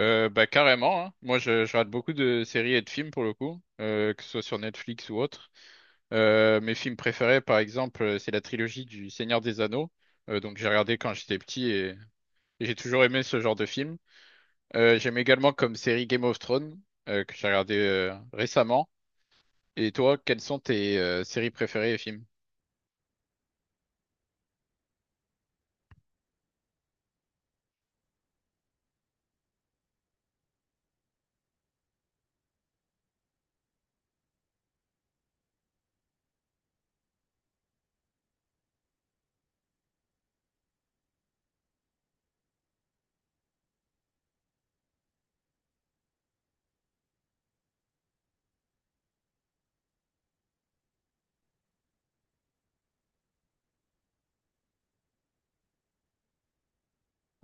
Bah carrément, hein. Moi, je rate beaucoup de séries et de films pour le coup, que ce soit sur Netflix ou autre. Mes films préférés par exemple, c'est la trilogie du Seigneur des Anneaux. Donc j'ai regardé quand j'étais petit et j'ai toujours aimé ce genre de film. J'aime également comme série Game of Thrones, que j'ai regardé récemment. Et toi, quelles sont tes séries préférées et films?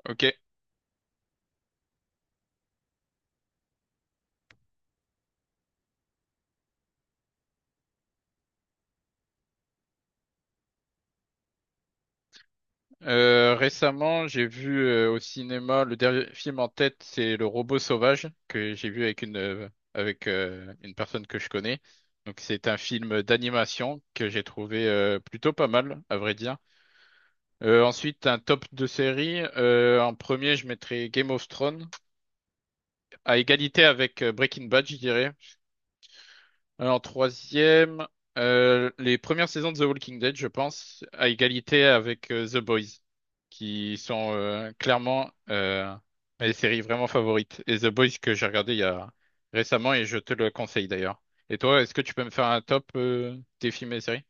Ok. Récemment, j'ai vu au cinéma le dernier film en tête, c'est Le Robot Sauvage que j'ai vu avec une personne que je connais. Donc c'est un film d'animation que j'ai trouvé plutôt pas mal, à vrai dire. Ensuite, un top de série. En premier, je mettrais Game of Thrones à égalité avec Breaking Bad, je dirais. Alors, troisième, les premières saisons de The Walking Dead, je pense, à égalité avec The Boys, qui sont clairement mes séries vraiment favorites. Et The Boys que j'ai regardé il y a récemment et je te le conseille d'ailleurs. Et toi, est-ce que tu peux me faire un top des films et séries?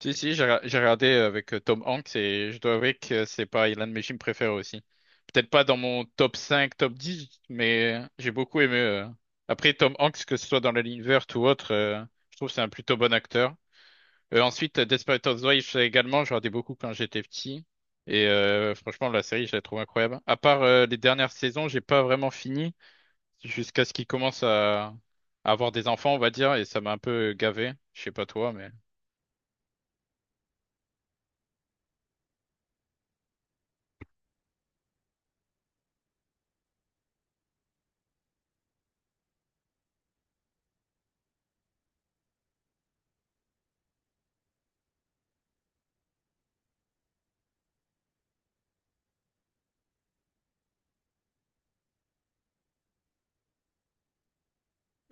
Si, si, j'ai regardé avec Tom Hanks et je dois avouer que c'est pas l'un de mes films préférés aussi. Peut-être pas dans mon top 5 top 10 mais j'ai beaucoup aimé. Après, Tom Hanks, que ce soit dans La Ligne verte ou autre, je trouve que c'est un plutôt bon acteur. Ensuite, Desperate Housewives également, je regardais beaucoup quand j'étais petit. Et franchement, la série, je la trouve incroyable. À part les dernières saisons, j'ai pas vraiment fini jusqu'à ce qu'il commence à avoir des enfants, on va dire, et ça m'a un peu gavé. Je sais pas toi, mais...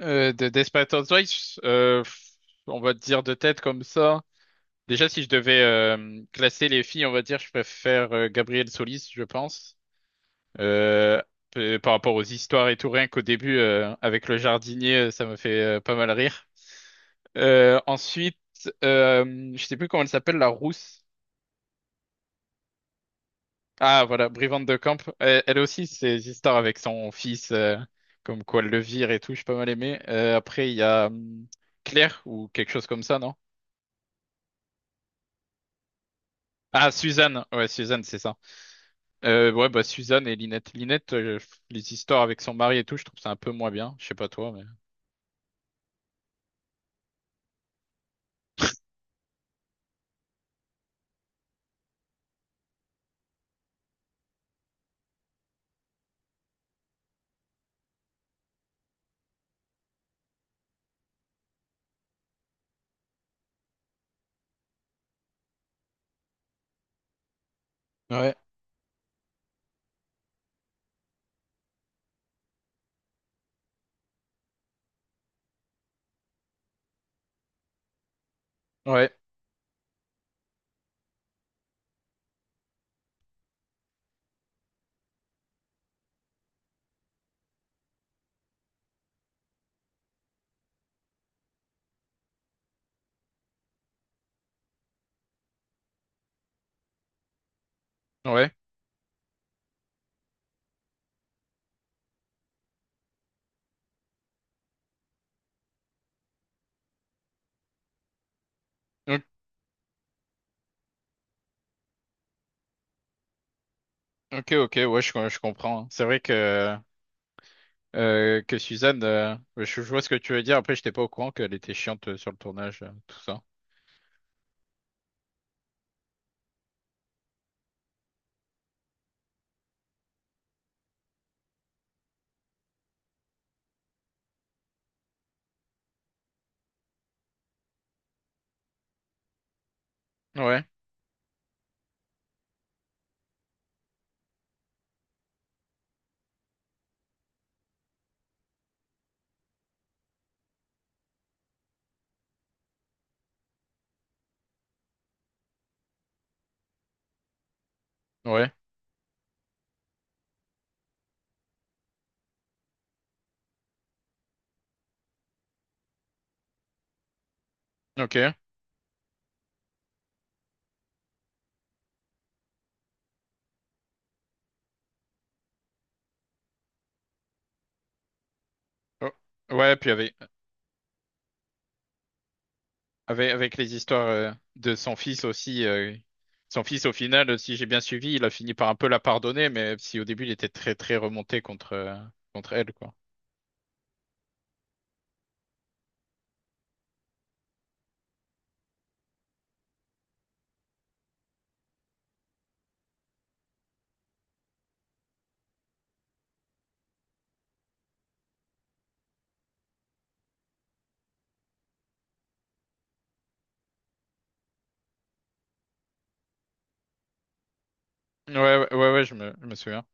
De Desperate Housewives, on va dire de tête comme ça. Déjà, si je devais classer les filles, on va dire, je préfère Gabrielle Solis, je pense. Euh, par rapport aux histoires et tout, rien qu'au début, avec le jardinier, ça me fait pas mal rire. Ensuite, je sais plus comment elle s'appelle, la rousse. Ah, voilà, Brivante de Camp. Elle, elle aussi, ses histoires avec son fils, comme quoi elle le vire et tout, j'ai pas mal aimé. Après, il y a Claire ou quelque chose comme ça, non? Ah, Suzanne, ouais, Suzanne, c'est ça. Ouais, bah Suzanne et Linette. Linette, les histoires avec son mari et tout, je trouve ça un peu moins bien. Je sais pas toi, mais. Ouais, ouais, ouais. Ok, ok, ouais, je comprends. Hein. C'est vrai que que Suzanne, ouais, je vois ce que tu veux dire. Après, j'étais pas au courant qu'elle était chiante sur le tournage, tout ça. Ouais, ouais, ok. Oh, ouais, puis il y avait. Avec, avec les histoires de son fils aussi, son fils au final, si j'ai bien suivi, il a fini par un peu la pardonner, mais si au début il était très très remonté contre contre elle, quoi. Ouais, je me souviens.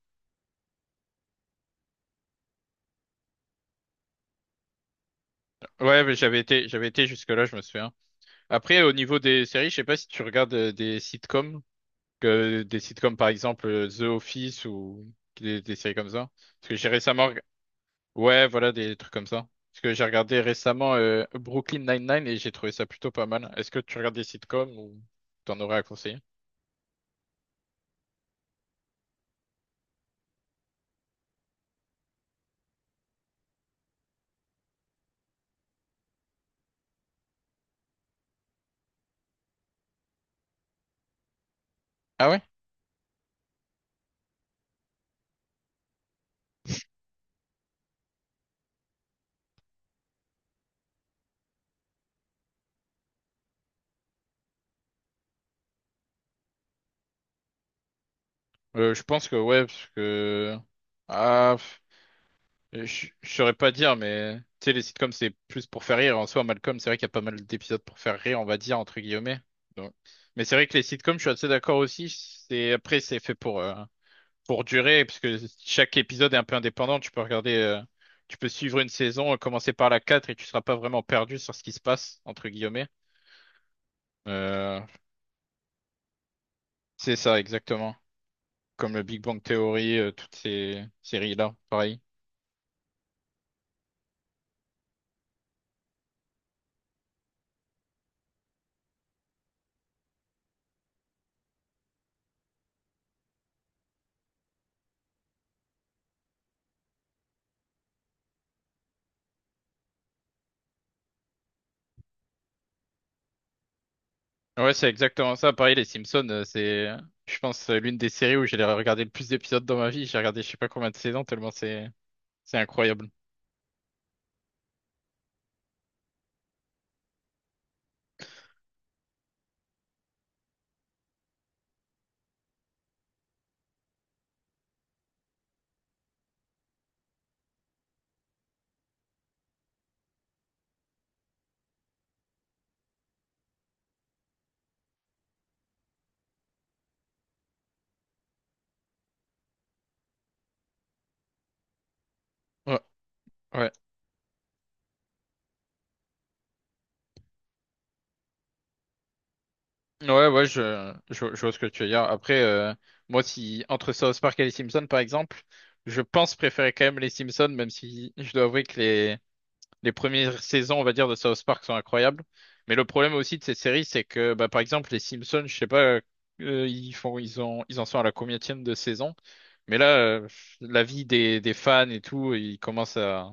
Ouais, mais j'avais été jusque-là, je me souviens. Après, au niveau des séries, je sais pas si tu regardes des sitcoms, que des sitcoms par exemple The Office ou des séries comme ça. Parce que j'ai récemment. Ouais, voilà, des trucs comme ça. Parce que j'ai regardé récemment Brooklyn Nine-Nine et j'ai trouvé ça plutôt pas mal. Est-ce que tu regardes des sitcoms ou t'en aurais à conseiller? Ah ouais? Je pense que ouais, parce que... Ah, pff, je saurais pas dire, mais... Tu sais, les sitcoms, c'est plus pour faire rire. En soi, Malcolm, c'est vrai qu'il y a pas mal d'épisodes pour faire rire, on va dire, entre guillemets. Donc... Mais c'est vrai que les sitcoms, je suis assez d'accord aussi. C'est... Après, c'est fait pour durer, parce que chaque épisode est un peu indépendant, tu peux regarder, tu peux suivre une saison, commencer par la 4 et tu seras pas vraiment perdu sur ce qui se passe, entre guillemets. Euh, c'est ça, exactement. Comme le Big Bang Theory, toutes ces séries-là, pareil. Ouais, c'est exactement ça. Pareil, les Simpsons, je pense, l'une des séries où j'ai regardé le plus d'épisodes dans ma vie. J'ai regardé je sais pas combien de saisons, c'est incroyable. Ouais, ouais. Ouais, ouais, je vois ce que tu veux dire. Après, moi, si entre South Park et les Simpsons, par exemple, je pense préférer quand même les Simpsons, même si je dois avouer que les premières saisons, on va dire, de South Park sont incroyables. Mais le problème aussi de ces séries, c'est que, bah, par exemple, les Simpsons, je sais pas, ils font, ils en sont à la combienième de saison. Mais là, la vie des fans et tout, ils commencent à,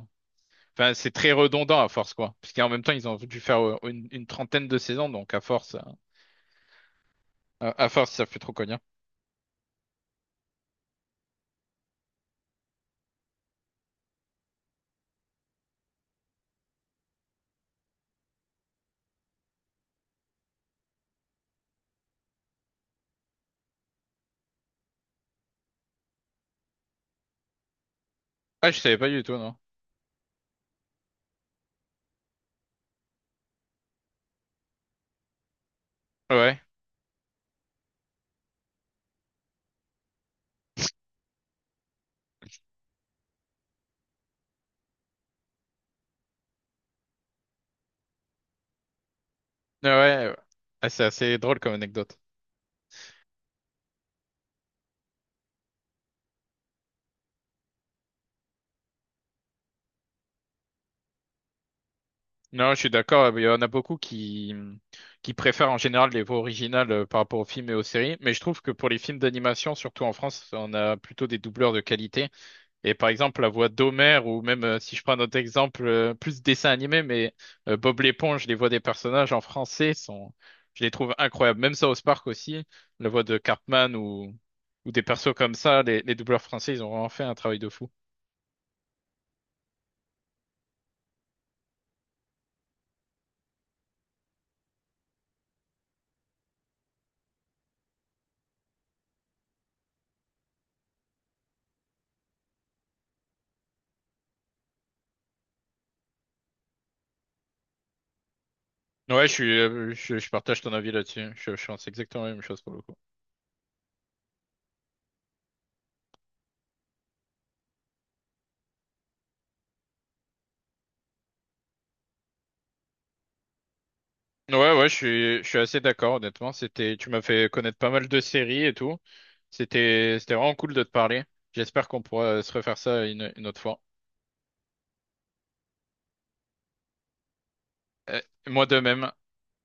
enfin, c'est très redondant à force, quoi. Parce qu'en même temps, ils ont dû faire une trentaine de saisons, donc à force. À force, ça fait trop cognard. Ah, je savais pas du tout, non. Ouais. Ouais, ouais. Ah, c'est assez drôle comme anecdote. Non, je suis d'accord. Il y en a beaucoup qui préfèrent en général les voix originales par rapport aux films et aux séries. Mais je trouve que pour les films d'animation, surtout en France, on a plutôt des doubleurs de qualité. Et par exemple, la voix d'Homer, ou même si je prends un autre exemple, plus dessin animé, mais Bob l'éponge, les voix des personnages en français sont, je les trouve incroyables. Même South Park aussi, la voix de Cartman ou des persos comme ça, les doubleurs français, ils ont vraiment fait un travail de fou. Ouais, je suis, je partage ton avis là-dessus. Je pense exactement la même chose pour le coup. Ouais, ouais, je suis assez d'accord, honnêtement. C'était, tu m'as fait connaître pas mal de séries et tout. C'était vraiment cool de te parler. J'espère qu'on pourra se refaire ça une autre fois. Euh, moi de même.